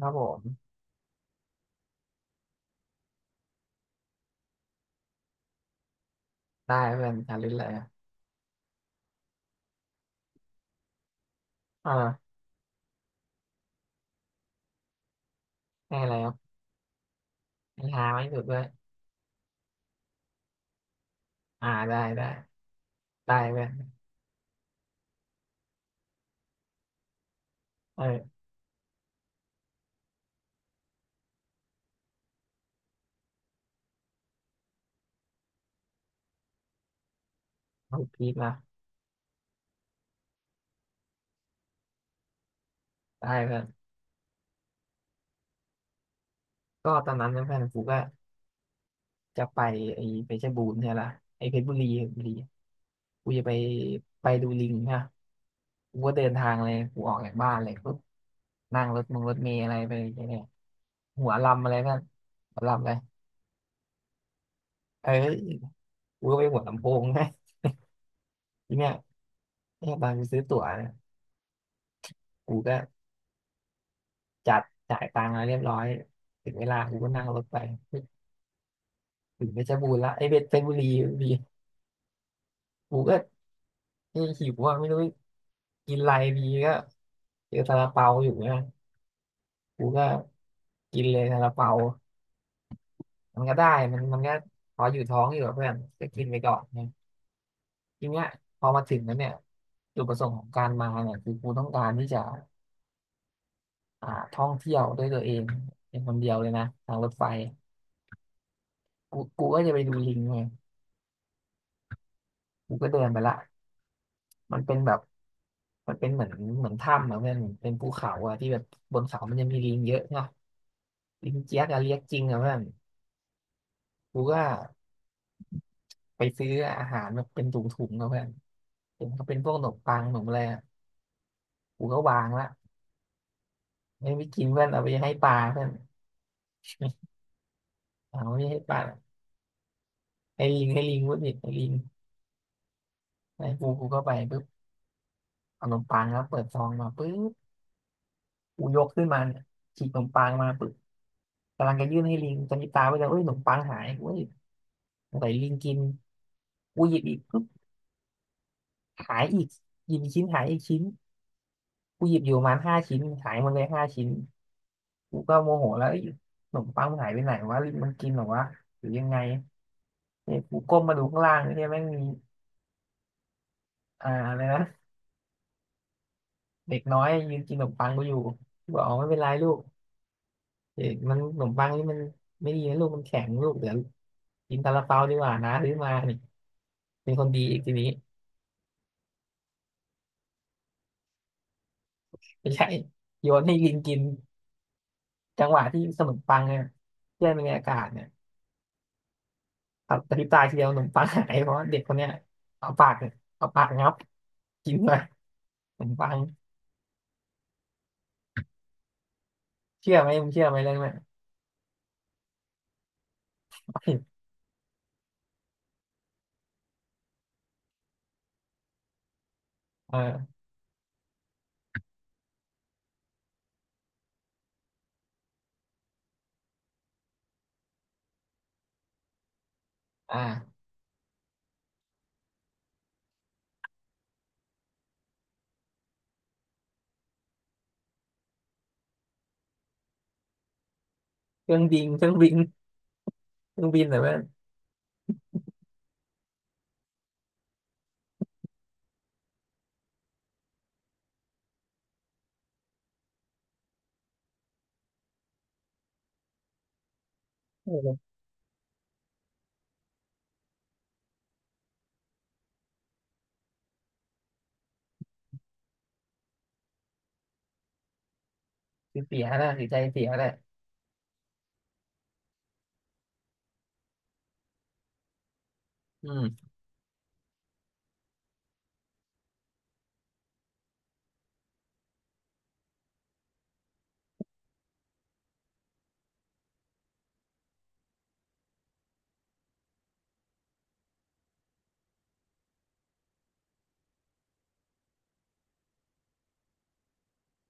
ครับผมได้เพื่อนการลิ้นเลยอะเออได้แล้วนิ้ทาไม่หุดด้วยได้ได้ได้เพื่อนเออเอาพีคนะได้เพื่อนก็ตอนนั้นนะเพื่อนกูก็จะไปไอ้ไปเพชรบูรณ์ใช่ละไอ้เพชรบุรีกูจะไปไปดูลิงนะกูก็เดินทางเลยกูออกจากบ้านเลยปุ๊บนั่งรถมงรถเมล์อะไรไปเนี่ยหัวลำอะไรเพื่อนหัวลำเลยเอ้ยกูก็ไปหัวลำโพงนะทีเนี้ยเนี่ยตอนกูซื้อตั๋วเนี่ยกูก็ จัดจ่ายตังค์แล้วเรียบร้อยถึงเวลากูก็นั่งรถไปถึงเพชรบูรณ์ละไอ้เพชรเพชรบุรีบีกูก็เอยหิวว่าไม่รู้กินอะไรดีก็เจอซาลาเปาอยู่เนะกูก็กินเลยซาลาเปามันก็ได้มันก็พออยู่ท้องอยู่กับเพื่อนก็กินไปก่อนเนะทีเนี้ยพอมาถึงแล้วเนี่ยจุดประสงค์ของการมาเนี่ยคือกูต้องการที่จะอ่าท่องเที่ยวด้วยตัวเองเป็นคนเดียวเลยนะทางรถไฟกูก็จะไปดูลิงไงกูก็เดินไปละ มันเป็นแบบมันเป็นเหมือนถ้ำอะเพื่อนเป็นภูเขาอะที่แบบบนเขามันจะมีลิงเยอะเนาะลิงเจี๊ยกอะเรียกจริงอะเพื่อนกูก็ไปซื้ออาหารแบบเป็นถุงๆอะเพื่อนเห็นเขาเป็นพวกขนมปังขนมอะไรอะกูก็วางละไม่ไปกินเพื่อนเอาไปให้ปลาเพื่อนเอาไม่ให้ปลาให้ลิงให้ลิงวุ้นดิให้ลิงให้กูก็ไปปุ๊บเอาขนมปังแล้วเปิดซองมาปุ๊บกูยกขึ้นมาเนี่ยฉีกขนมปังมาปุ๊บกำลังจะยื่นให้ลิงจะมีตาไปแล้วเอ้ยขนมปังหายเว้ยสงสัยลิงกินกูหยิบอีก ขายอีกหยิบอีกชิ้นหายอีกชิ้นกูหยิบอยู่ประมาณห้าชิ้นขายหมดเลยห้าชิ้นกูก็โมโหแล้วเอ้ยขนมปังมันหายไปไหนวะหรือมันกินหรอวะหรือยังไงเนี่ยกูก้มมาดูข้างล่างเนี่ยแม่งมีอะไรนะเด็กน้อยยืนกินขนมปังกูอยู่กูบอกอ๋อไม่เป็นไรลูกเด็กมันขนมปังนี่มันไม่ดีนะลูกมันแข็งลูกเดี๋ยวกินซาลาเปาดีกว่านะซื้อมานี่เป็นคนดีอีกทีนี้ไม่ใช่โยนให้ลิงกินจังหวะที่ขนมปังเนี่ยเพื่อนเป็นไงอากาศเนี่ย ครับกระพริบตาทีเดียวขนมปังหายเพราะเด็กคนเนี้ยเอาปากเอาปากงับกินเลยขนมปังเชื่อไหมมึงเชื่อไหมเรื่องเนี้ย เอออ่าเครื่องบินเครื่องบินเหรอเพื่อนโอ้โหเสียนะเสียใจเสียแหละอืม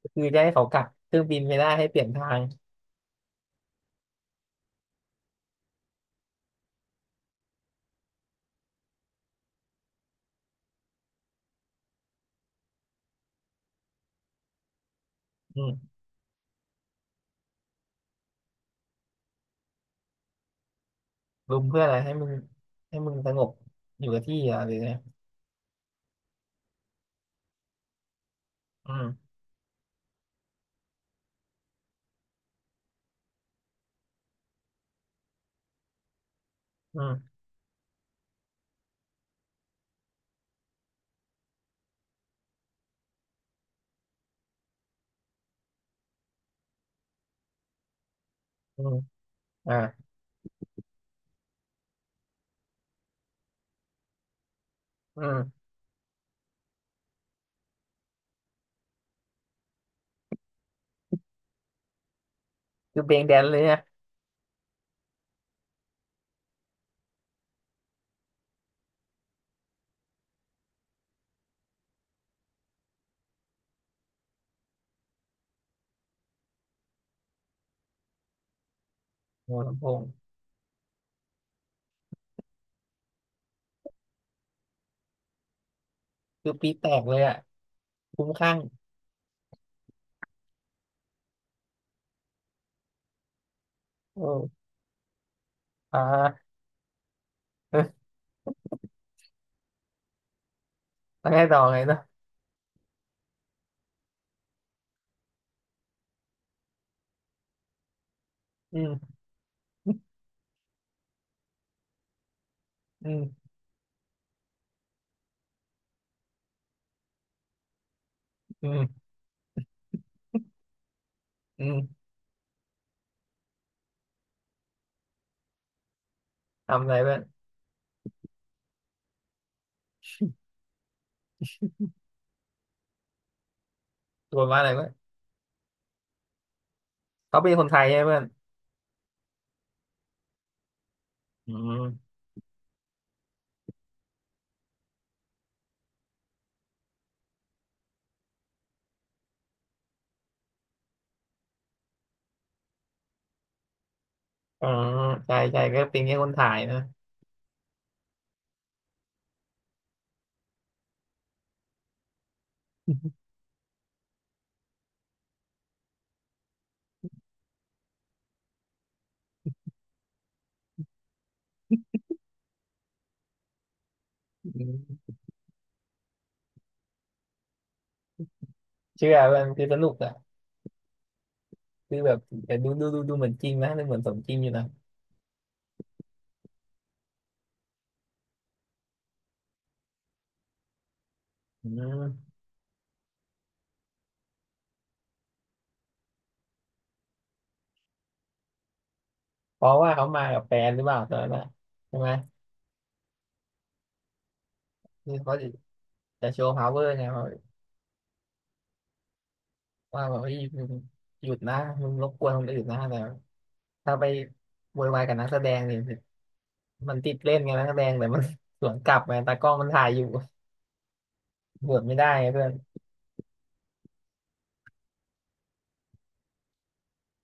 คือจะให้เขากลับเครื่องบินไม่ได้ให้เปลี่ยนทางอืมรุมเพื่ออะไรให้มึงให้มึงสงบอยู่กับที่อ่ะหรือไงอืมอืมอืมอ่าอืมคือเบงแดนเลยนะโอ้โหลำโพงคือปีแตกเลยอ่ะคุ้มข้างโอ้อ่า เออแล้วไงต่อไงต่อ อืมอืมอืมอืมทำอะไรเพื่อนตัวว่าอะไรเพื่อนเขาเป็นคนไทยใช่ไหมเพื่อนอืมอ๋อใช่ใช่ก็เป็นแค่คนถ่ายนะ อืมเชื่อเพื่อนคือสนุกอะคือแบบแต่ดูเหมือนจริงนะดูเหมือนสมจริงอยู่นะอืมเพราะว่าเขามากับแฟนหรือเปล่าตอนนั้นอะใช่ไหมคือเขาจะจะโชว์ power ไงว่าว่าแบบเฮ้ยมึงหยุดนะมึงรบกวนคนอื่นนะแต่ถ้าไปโวยวายกับนักแสดงเนี่ยมันติดเล่นไงนักแสดงแต่มัน สวนกลับไงตากล้องมันถ่ายอยู่ บวชไม่ได้ไงเพื่อน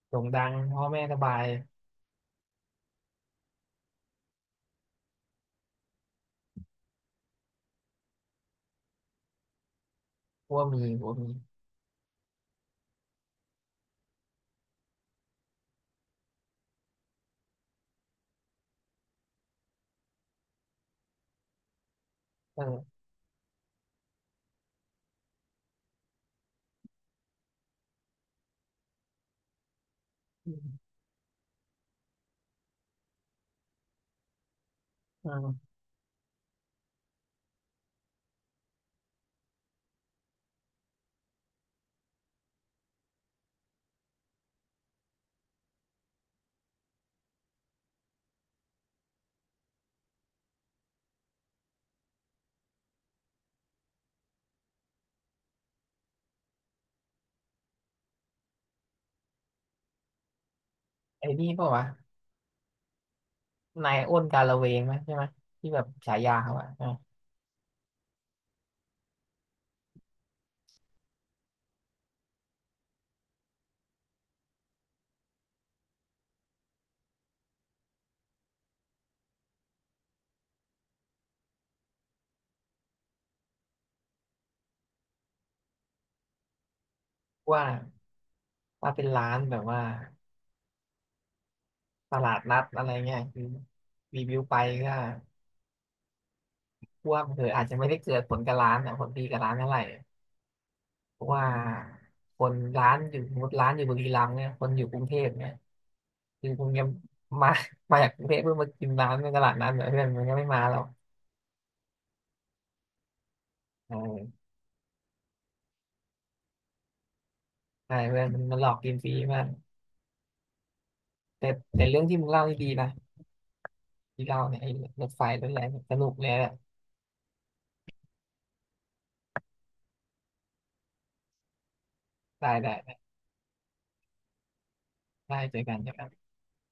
โด่งดังพ่อแม่สบายกลัวมีกลัวมีเอออืมอืมไอ้นี่เปล่าวะนายอ้นกาละเวงไหมใช่ไหมที่แบบฉายาเขาอะเออว่าถ้าเป็นร้านแบบว่าตลาดนัดอะไรเงี้ยคือรีวิวไปก็พวกเธออาจจะไม่ได้เกิดผลกับร้านอะผลดีกับร้านเท่าไหร่เพราะว่าคนร้านอยู่สมมติร้านอยู่บุรีรัมย์เนี่ยคนอยู่กรุงเทพเนี่ยคือคงยังมามาจากกรุงเทพเพื่อมากินร้านในตลาดนั้นเหมือนเพื่อนมันก็ไม่มาหรอกเออ ใช่เพื่อนมันหลอกกินฟรีมากแต่แต่เรื่องที่มึงเล่านี่ดีนะที่เล่าเนี่ยไอ้รถไฟรถอะไรเนี่ยสนุกเลยแหละได้ได้เจอกันเจอกัน